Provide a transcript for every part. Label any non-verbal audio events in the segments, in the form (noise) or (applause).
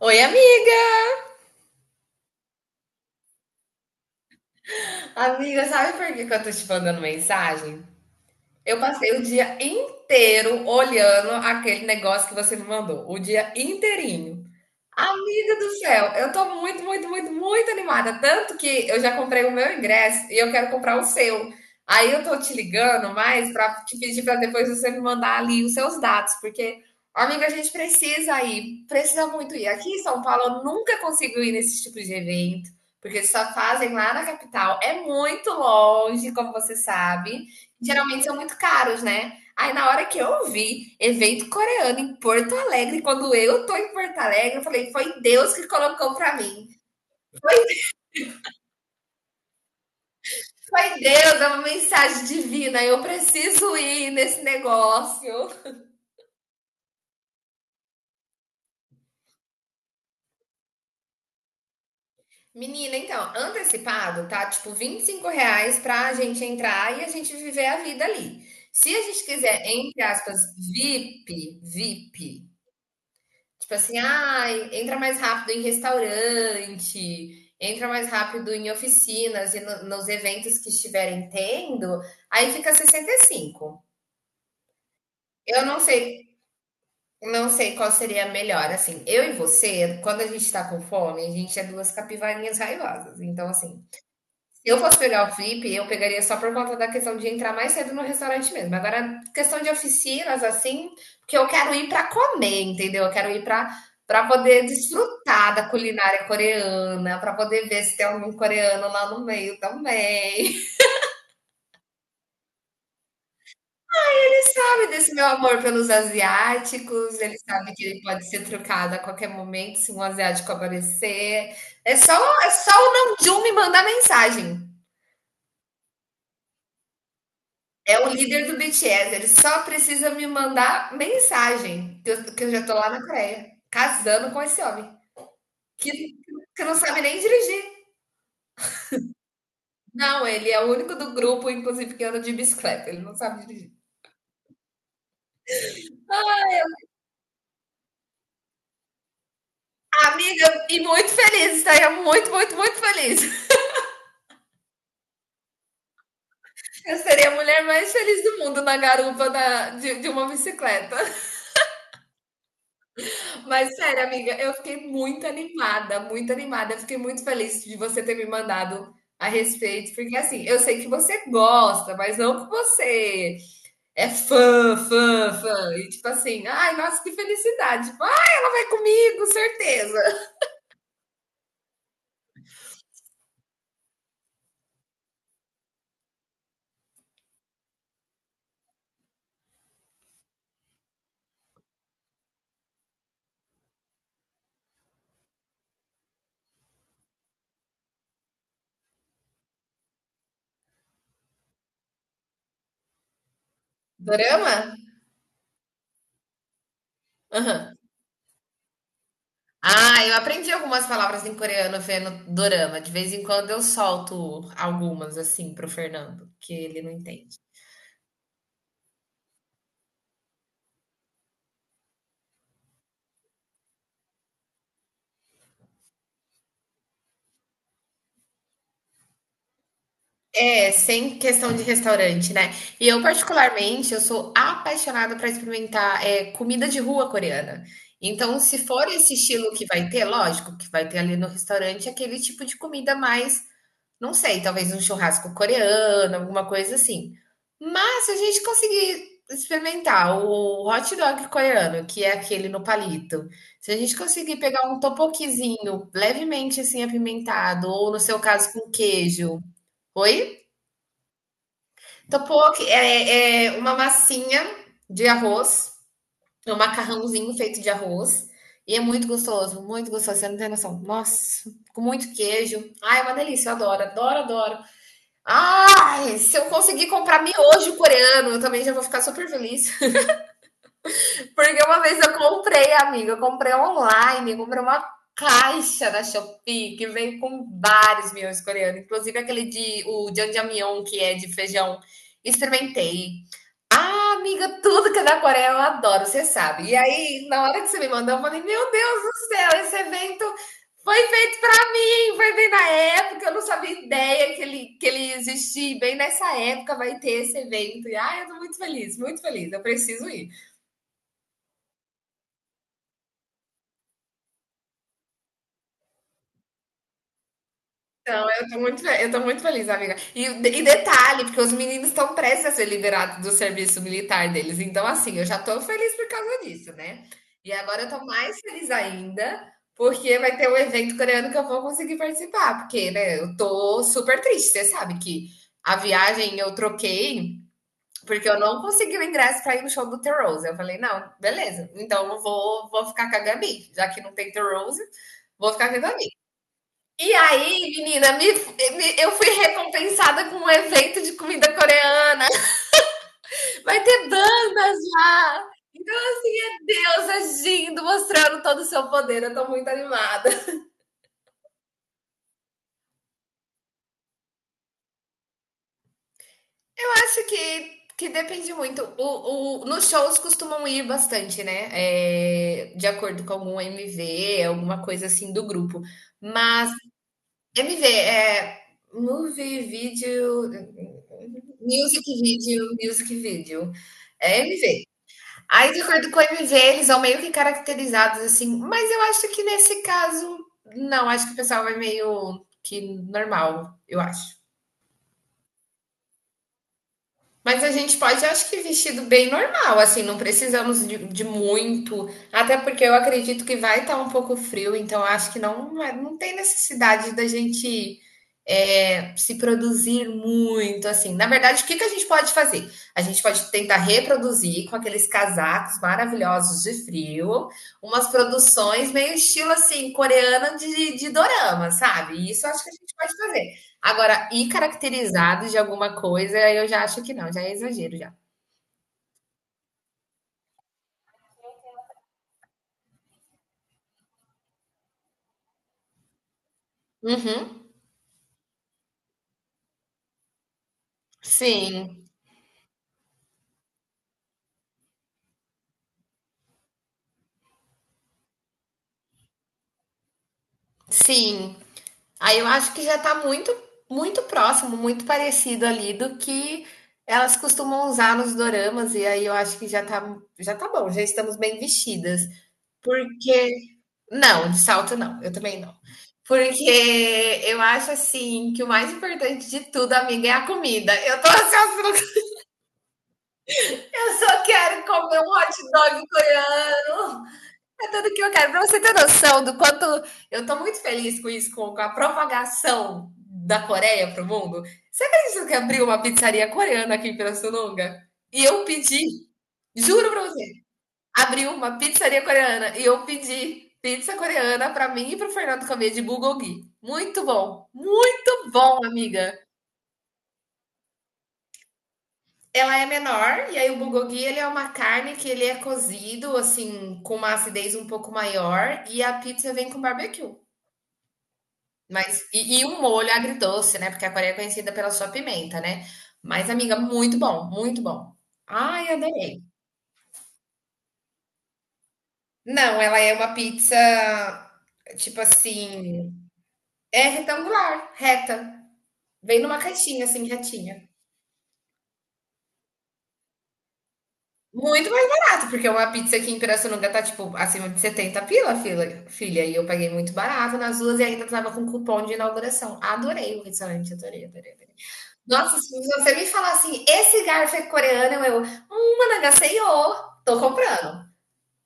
Oi, amiga. Amiga, sabe por que que eu tô te mandando mensagem? Eu passei o dia inteiro olhando aquele negócio que você me mandou, o dia inteirinho. Amiga do céu, eu tô muito, muito, muito, muito animada. Tanto que eu já comprei o meu ingresso e eu quero comprar o seu. Aí eu tô te ligando mais pra te pedir pra depois você me mandar ali os seus dados, porque, amiga, a gente precisa ir, precisa muito ir. Aqui em São Paulo eu nunca consigo ir nesse tipo de evento, porque eles só fazem lá na capital. É muito longe, como você sabe. Geralmente são muito caros, né? Aí na hora que eu vi evento coreano em Porto Alegre, quando eu tô em Porto Alegre, eu falei, foi Deus que colocou pra mim. Foi Deus, é uma mensagem divina, eu preciso ir nesse negócio. Menina, então, antecipado, tá? Tipo, R$ 25 pra gente entrar e a gente viver a vida ali. Se a gente quiser, entre aspas, VIP, VIP. Tipo assim, ah, entra mais rápido em restaurante, entra mais rápido em oficinas e nos eventos que estiverem tendo, aí fica 65. Eu não sei, não sei qual seria a melhor. Assim, eu e você, quando a gente tá com fome, a gente é duas capivarinhas raivosas. Então, assim, se eu fosse pegar o Flip, eu pegaria só por conta da questão de entrar mais cedo no restaurante mesmo. Agora, questão de oficinas, assim, porque eu quero ir para comer, entendeu? Eu quero ir para poder desfrutar da culinária coreana, para poder ver se tem algum coreano lá no meio também. (laughs) Ele sabe desse meu amor pelos asiáticos, ele sabe que ele pode ser trocado a qualquer momento se um asiático aparecer. É só, é só o Namjoon me mandar mensagem. É o líder do BTS, ele só precisa me mandar mensagem, que eu já tô lá na Coreia, casando com esse homem, que, que não sabe nem dirigir. Não, ele é o único do grupo, inclusive, que anda de bicicleta, ele não sabe dirigir. Amiga, e muito feliz, estaria muito, muito, muito feliz. Eu seria a mulher mais feliz do mundo na garupa de uma bicicleta. Mas sério, amiga, eu fiquei muito animada, muito animada. Eu fiquei muito feliz de você ter me mandado a respeito, porque assim, eu sei que você gosta, mas não que você é fã, fã, fã. E tipo assim, ai, nossa, que felicidade. Tipo, ai, ela vai comigo, certeza. Dorama? Aham. Ah, eu aprendi algumas palavras em coreano vendo dorama. De vez em quando eu solto algumas assim pro Fernando, que ele não entende. É, sem questão de restaurante, né? E eu, particularmente, eu sou apaixonada para experimentar comida de rua coreana. Então, se for esse estilo que vai ter, lógico que vai ter ali no restaurante aquele tipo de comida mais, não sei, talvez um churrasco coreano, alguma coisa assim. Mas se a gente conseguir experimentar o hot dog coreano, que é aquele no palito, se a gente conseguir pegar um topoquizinho levemente assim apimentado, ou no seu caso com queijo. Oi? Topoki é uma massinha de arroz, é um macarrãozinho feito de arroz. E é muito gostoso, você não tem noção. Nossa, com muito queijo. Ai, é uma delícia, eu adoro, adoro, adoro. Ai, se eu conseguir comprar miojo coreano, eu também já vou ficar super feliz. (laughs) Porque uma vez eu comprei, amiga, eu comprei online, eu comprei uma caixa da Shopee que vem com vários miojos coreanos, inclusive aquele de o jjamyeon, que é de feijão. Experimentei, ah, amiga, tudo que é da Coreia eu adoro, você sabe. E aí, na hora que você me mandou, eu falei: Meu Deus do céu, esse evento foi feito para mim. Foi bem na época, eu não sabia ideia que ele existia. E bem nessa época vai ter esse evento. E ai, eu tô muito feliz, muito feliz. Eu preciso ir. Não, eu tô muito feliz, amiga. E detalhe, porque os meninos estão prestes a ser liberados do serviço militar deles. Então, assim, eu já tô feliz por causa disso, né? E agora eu tô mais feliz ainda, porque vai ter um evento coreano que eu vou conseguir participar. Porque, né, eu tô super triste. Você sabe que a viagem eu troquei porque eu não consegui o ingresso pra ir no show do The Rose. Eu falei, não, beleza. Então eu vou, vou ficar com a Gabi, já que não tem The Rose, vou ficar com a Gabi. E aí, menina, eu fui recompensada com um evento de comida coreana. Vai ter bandas lá. Então, assim, é Deus agindo, mostrando todo o seu poder. Eu tô muito animada. Eu acho que depende muito. Nos shows costumam ir bastante, né? É, de acordo com algum MV, alguma coisa assim do grupo. Mas MV é movie, vídeo, music video, music video. É MV. Aí, de acordo com o MV, eles são meio que caracterizados assim, mas eu acho que nesse caso, não, acho que o pessoal vai meio que normal, eu acho. Mas a gente pode, acho que vestido bem normal, assim, não precisamos de muito, até porque eu acredito que vai estar um pouco frio, então acho que não, não tem necessidade da gente se produzir muito, assim. Na verdade, o que que a gente pode fazer? A gente pode tentar reproduzir com aqueles casacos maravilhosos de frio, umas produções meio estilo, assim, coreana de dorama, sabe? Isso eu acho que a gente pode fazer. Agora, ir caracterizado de alguma coisa, eu já acho que não, já é exagero já. Uhum. Sim, sim. Aí eu acho que já tá muito, muito próximo, muito parecido ali do que elas costumam usar nos doramas, e aí eu acho que já tá bom, já estamos bem vestidas. Porque. Não, de salto não, eu também não. Porque eu acho assim que o mais importante de tudo, amiga, é a comida. Eu tô ansiosa. (laughs) Eu só quero comer um hot dog coreano. É tudo que eu quero. Para você ter noção do quanto eu estou muito feliz com isso, com, a propagação da Coreia para o mundo. Você acredita que abriu uma pizzaria coreana aqui em Pirassununga? E eu pedi, juro para você, abriu uma pizzaria coreana e eu pedi pizza coreana para mim e para o Fernando comer de bulgogi. Muito bom, amiga. Ela é menor e aí o bulgogi ele é uma carne que ele é cozido assim com uma acidez um pouco maior e a pizza vem com barbecue. Mas e um molho agridoce, né, porque a Coreia é conhecida pela sua pimenta, né. Mas, amiga, muito bom, muito bom. Ai, adorei. Não, ela é uma pizza, tipo assim, é retangular, reta. Vem numa caixinha, assim, retinha. Muito mais barato, porque uma pizza aqui em Pirassununga tá, tipo, acima de 70 pila, filha filha, e eu paguei muito barato nas 2 e ainda estava com cupom de inauguração. Adorei o restaurante, adorei, adorei, adorei. Nossa, se você me falar assim, esse garfo é coreano, eu, Anagaseyo, tô comprando.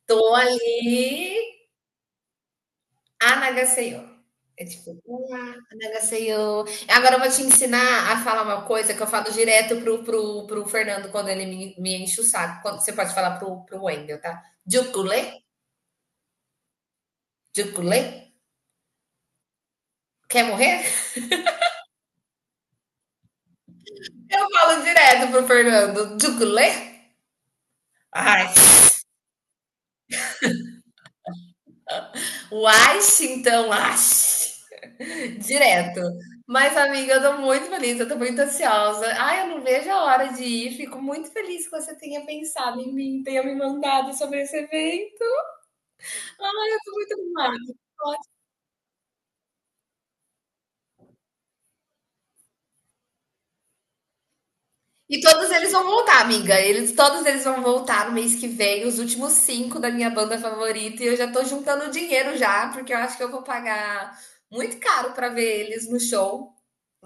Tô ali, Anagaseyo. É tipo, olá, Anagaseyo. Agora eu vou te ensinar a falar uma coisa que eu falo direto pro Fernando quando ele me enche o saco. Quando, você pode falar pro Wendel, tá? Jukulê, Jukulê, quer morrer? Eu falo direto pro Fernando, Jukulê. Ai, uai, então, ai. Direto. Mas, amiga, eu tô muito feliz, eu tô muito ansiosa. Ai, eu não vejo a hora de ir. Fico muito feliz que você tenha pensado em mim, tenha me mandado sobre esse evento. Ai, eu tô muito animada. E todos eles vão voltar, amiga. Eles, todos eles vão voltar no mês que vem, os últimos cinco da minha banda favorita. E eu já tô juntando dinheiro já, porque eu acho que eu vou pagar muito caro pra ver eles no show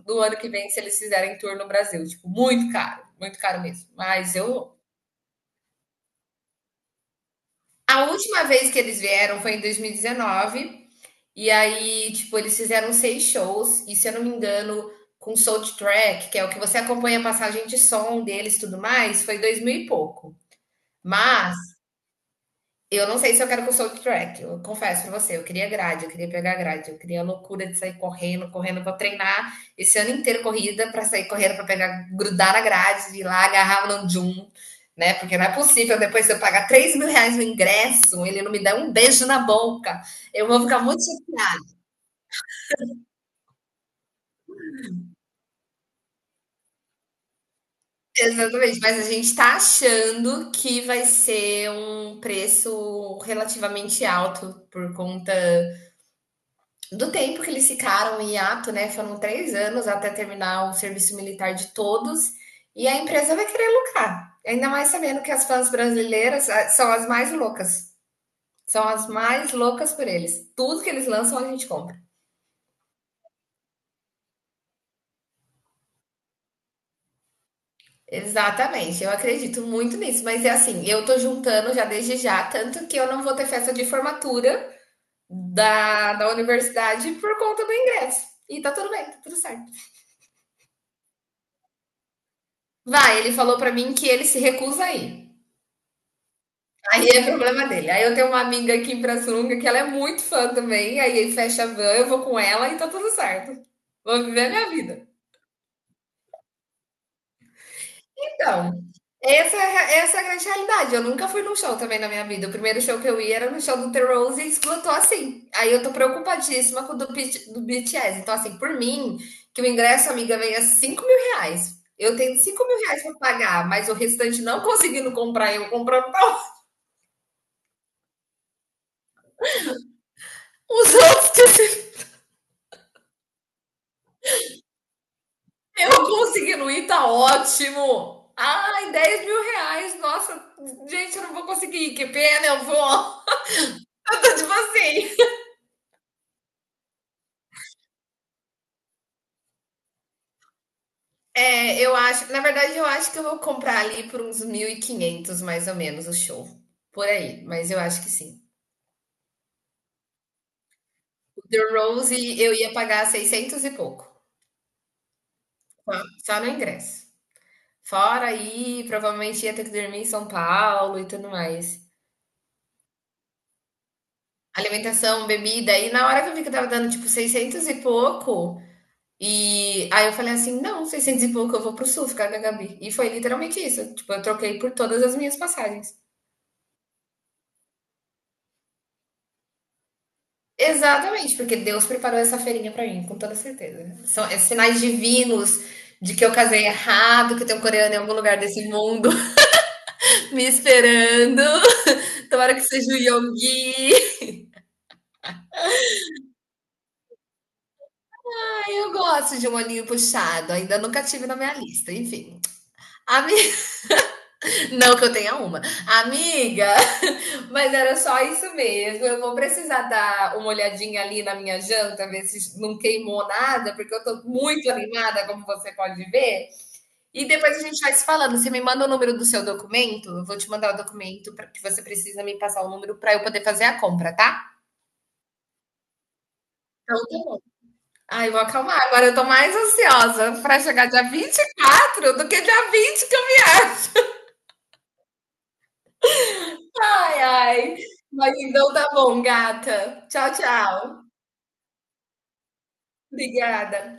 do ano que vem, se eles fizerem tour no Brasil. Tipo, muito caro mesmo. Mas eu A última vez que eles vieram foi em 2019. E aí, tipo, eles fizeram seis shows. E se eu não me engano, com Soundtrack, que é o que você acompanha a passagem de som deles e tudo mais, foi 2000 e pouco. Mas eu não sei se eu quero com soundtrack. Eu confesso pra você, eu queria grade, eu queria pegar grade, eu queria a loucura de sair correndo, correndo pra treinar esse ano inteiro corrida pra sair correndo pra pegar, grudar na grade, ir lá agarrar o Namjoon, né? Porque não é possível depois eu pagar R$ 3.000 no ingresso, ele não me dá um beijo na boca. Eu vou ficar muito chateada. Exatamente, mas a gente tá achando que vai ser um preço relativamente alto por conta do tempo que eles ficaram em hiato, né? Foram 3 anos até terminar o serviço militar de todos, e a empresa vai querer lucrar. Ainda mais sabendo que as fãs brasileiras ah, são as mais loucas. São as mais loucas por eles. Tudo que eles lançam, a gente compra. Exatamente, eu acredito muito nisso, mas é assim, eu tô juntando já desde já, tanto que eu não vou ter festa de formatura da universidade por conta do ingresso. E tá tudo bem, tá tudo certo. Vai, ele falou pra mim que ele se recusa a ir. Aí é problema dele. Aí eu tenho uma amiga aqui em Pirassununga que ela é muito fã também. Aí ele fecha a van, eu vou com ela e tá tudo certo. Vou viver a minha vida. Então, essa é a grande realidade. Eu nunca fui num show também na minha vida. O primeiro show que eu ia era no show do The Rose e esgotou assim. Aí eu tô preocupadíssima com o do B T S. Então, assim, por mim, que o ingresso, amiga, venha R$ 5.000. Eu tenho R$ 5.000 pra pagar, mas o restante não conseguindo comprar, eu comprando (laughs) os outros que. Eu conseguindo ir, tá ótimo. Ai, R$ 10.000. Nossa, gente, eu não vou conseguir. Que pena, eu vou. (laughs) Eu tô tipo assim. É, eu acho. Na verdade, eu acho que eu vou comprar ali por uns 1.500, mais ou menos o show. Por aí. Mas eu acho que sim. O The Rose eu ia pagar 600 e pouco. Só no ingresso. Fora aí, provavelmente ia ter que dormir em São Paulo e tudo mais. Alimentação, bebida. E na hora que eu vi que eu tava dando tipo 600 e pouco. E aí eu falei assim: não, 600 e pouco eu vou pro sul ficar com a Gabi. E foi literalmente isso. Tipo, eu troquei por todas as minhas passagens. Exatamente, porque Deus preparou essa feirinha pra mim, com toda certeza. São é sinais divinos de que eu casei errado, que tem um coreano em algum lugar desse mundo (laughs) me esperando. Tomara que seja o Yonggi. Ai, eu gosto de um olhinho puxado, ainda nunca tive na minha lista, enfim. Ami... (laughs) Não que eu tenha uma. Amiga, mas era só isso mesmo. Eu vou precisar dar uma olhadinha ali na minha janta, ver se não queimou nada, porque eu tô muito animada, como você pode ver. E depois a gente vai se falando. Você me manda o número do seu documento, eu vou te mandar o documento que você precisa me passar o número para eu poder fazer a compra, tá? Então tá bom. Ai, vou acalmar. Agora eu tô mais ansiosa para chegar dia 24 do que dia 20 que eu viajo. Ai, ai. Mas então tá bom, gata. Tchau, tchau. Obrigada.